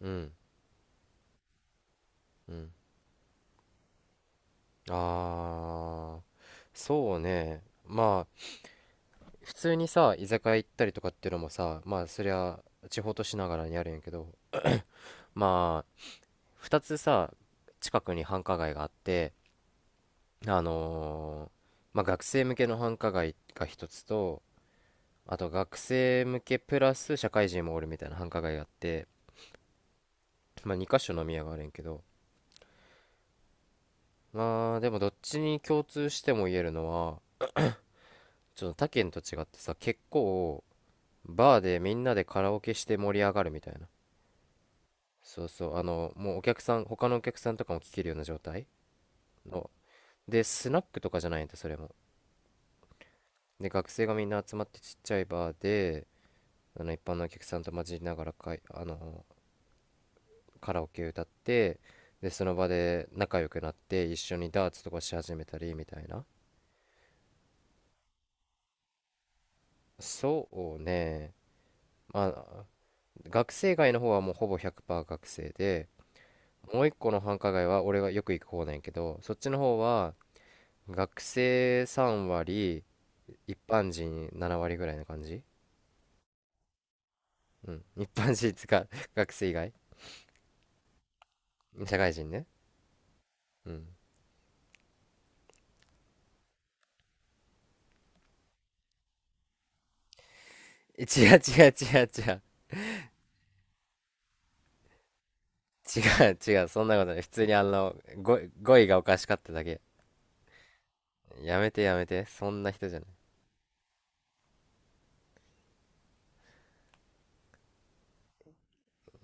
うん、うん。ああ、そうね。まあ、普通にさ、居酒屋行ったりとかっていうのもさ、まあ、そりゃ、地方都市ながらにあるんやけど、まあ、二つさ、近くに繁華街があって、あのーまあ、学生向けの繁華街が一つと、あと学生向けプラス社会人もおるみたいな繁華街があって、まあ、2箇所飲み屋があるんやけど、まあ、でもどっちに共通しても言えるのは、ちょっと他県と違ってさ、結構、バーでみんなでカラオケして盛り上がるみたいな。そうそう、あの、もうお客さん、他のお客さんとかも聴けるような状態の。で、スナックとかじゃないんだ、それも。で、学生がみんな集まってちっちゃいバーで、あの、一般のお客さんと混じりながらかい、あの、カラオケ歌って、で、その場で仲良くなって、一緒にダーツとかし始めたり、みたいな。そうね。まあ、学生街の方はもうほぼ100%学生で、もう一個の繁華街は俺がよく行く方なんやけど、そっちの方は、学生3割、一般人7割ぐらいな感じ。うん。一般人つか、学生以外。社会人ね。うん。え違う違う違う違う。違う違う、そんなことない。普通にあの、語彙がおかしかっただけ。やめてやめて。そんな人じゃない。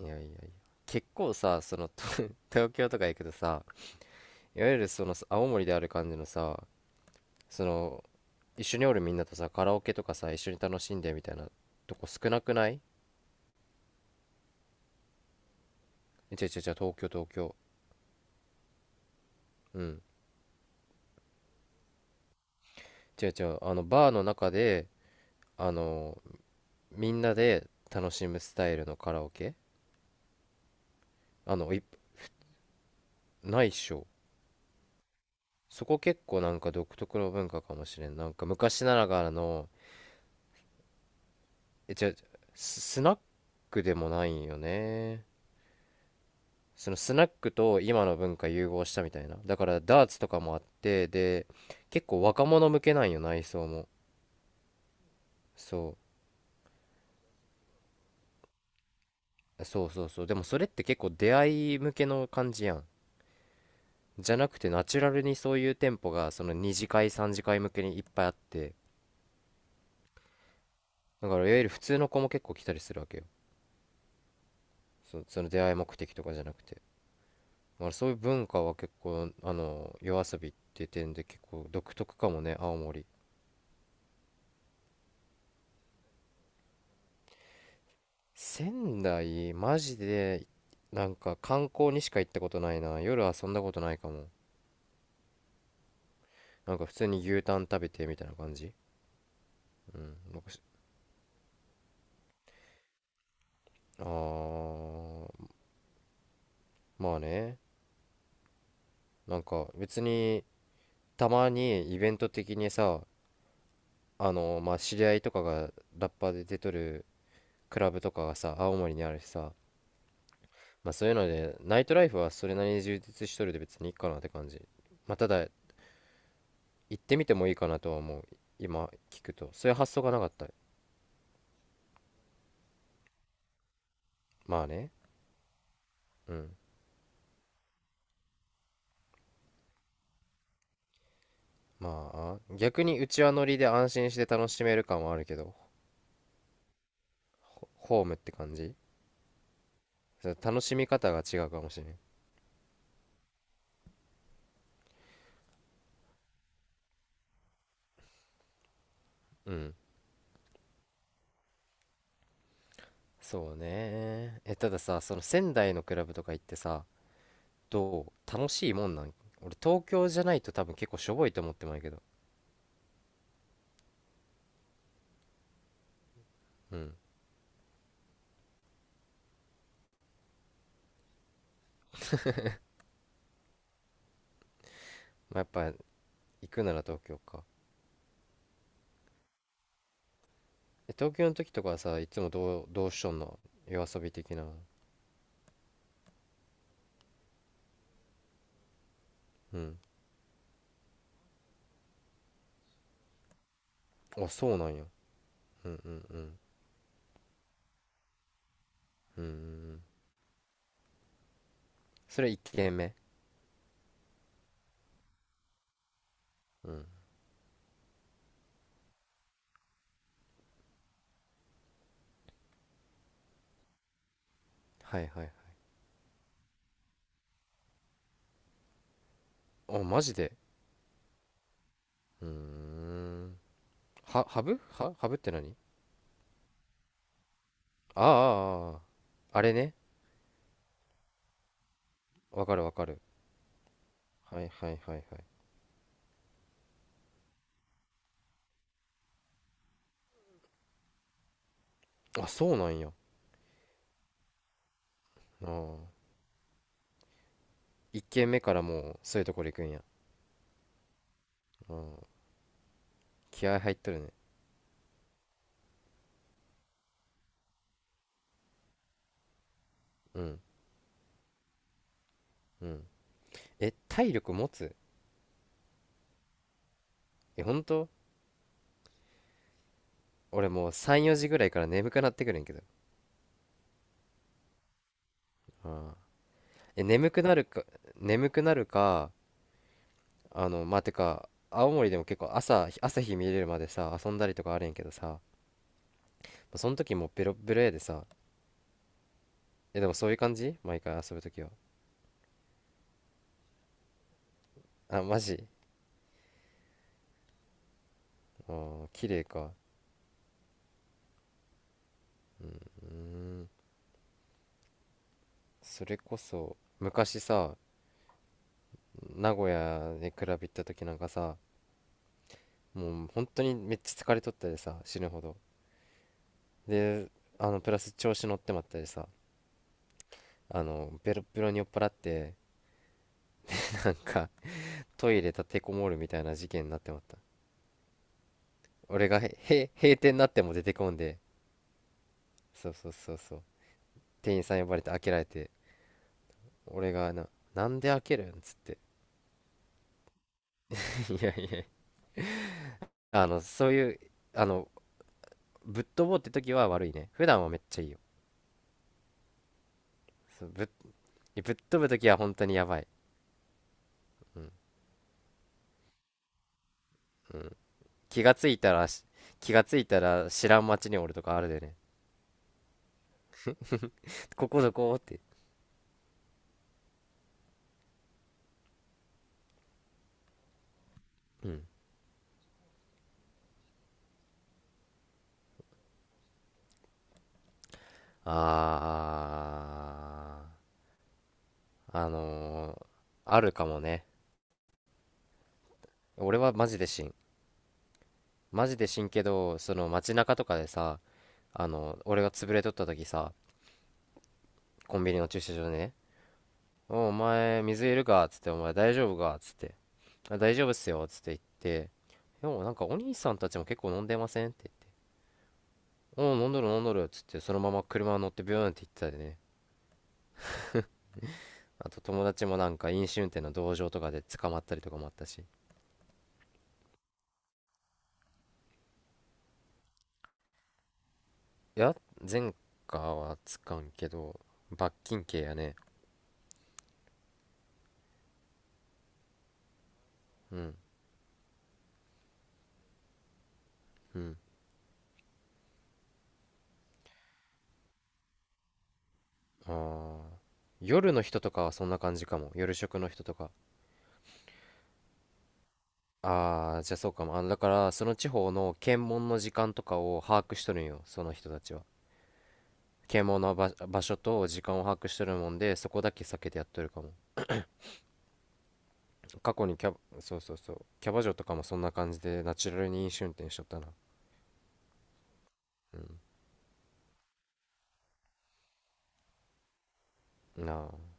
いやいやいや。結構さ、その、と 東京とか行くとさ、いわゆるその、青森である感じのさ、その、一緒におるみんなとさ、カラオケとかさ、一緒に楽しんでみたいなとこ少なくない。え違う違う違う、東京東京。うん。違う違う、あのバーの中で、あのみんなで楽しむスタイルのカラオケ。あの、いないっしょ。そこ結構なんか独特の文化かもしれん、なんか昔ながらの。え違う違う、スナックでもないよね。そのスナックと今の文化融合したみたいな。だからダーツとかもあってで、結構若者向けなんよ、内装も。そうそうそうそう。でもそれって結構出会い向けの感じやん。じゃなくてナチュラルにそういう店舗がその2次会3次会向けにいっぱいあって、だからいわゆる普通の子も結構来たりするわけよ。そその出会い目的とかじゃなくて。まあそういう文化は結構あの夜遊びっていう点で結構独特かもね、青森。仙台マジで、なんか観光にしか行ったことないな、夜遊んだことないかも。なんか普通に牛タン食べてみたいな感じ。うん、なんかし、あー、まあね。なんか別に、たまにイベント的にさ、あの、まあ知り合いとかがラッパーで出とるクラブとかがさ青森にあるしさ、まあそういうのでナイトライフはそれなりに充実しとるで別にいいかなって感じ。まあただ行ってみてもいいかなとは思う、今聞くとそういう発想がなかった。まあね。うん。まあ逆にうちわ乗りで安心して楽しめる感はあるけど、ホームって感じ。そう、楽しみ方が違うかもしれん。うん。そうねえ、ただ、さその仙台のクラブとか行ってさと楽しいもんなん？俺東京じゃないと多分結構しょぼいと思ってまうけど。うん、まあ、やっぱ行くなら東京か。え東京の時とかはさ、いつもどう、どうしとんの、夜遊び的な。うん。あそうなんや。うんうんうん。うんうんうん。それ1軒目？うん。はいはいはい。あマジで、うん。ハブ？ハブって何？あああ。ああ。ああれね。わかるわかる。はいはいはいはい。あそうなんや。ああ、1軒目からもうそういうところ行くんや。うん。気合入っとるね。うん。うん。え体力持つ？え本当？俺もう3、4時ぐらいから眠くなってくるんやけど。うん。え眠くなるか、眠くなるか。あのまあてか青森でも結構朝、朝日見れるまでさ遊んだりとかあるんやけどさ、その時もうベロッベロやでさ。えでもそういう感じ毎回遊ぶ時は？あマジ？あー綺麗か。うーん。それこそ昔さ名古屋でクラブ行った時なんかさ、もう本当にめっちゃ疲れとったでさ死ぬほど。で、あのプラス調子乗ってまったりさ、あのベロッベロに酔っ払って、なんかトイレ立てこもるみたいな事件になってまった。俺が閉店になっても出てこんで、そうそうそうそう、店員さん呼ばれて開けられて俺がな、「なんで開けるん？」っつって、 「いやいや、あのそういう、あの、ぶっ飛ぼうって時は悪いね、普段はめっちゃいいよ。そう、ぶっ飛ぶ時は本当にやばい、うん。うん、気がついたらし、気がついたら知らん街におるとかあるでね、ここどこって。うん。あー、あのー、あるかもね。俺はマジで死ん。マジで死んけど、その街中とかでさ、あの、俺が潰れとった時さ、コンビニの駐車場でね、おお前、水いるかっつって、お前大丈夫かっつって、あ大丈夫っすよっつって言って、でもなんかお兄さんたちも結構飲んでませんって言って、おう飲んどる飲んどるっつって、そのまま車乗ってビューンって行ってたでね。あと友達もなんか飲酒運転の同情とかで捕まったりとかもあったし。いや、前科はつかんけど、罰金刑やね。うん、うん。ああ、夜の人とかはそんな感じかも。夜食の人とか。ああ、じゃあそうかも。あ、だから、その地方の検問の時間とかを把握しとるんよ、その人たちは。検問の場所と時間を把握しとるもんで、そこだけ避けてやっとるかも。過去にキャバ、そうそうそう、キャバ嬢とかもそんな感じで、ナチュラルに飲酒運転しとったな。うん。なあ。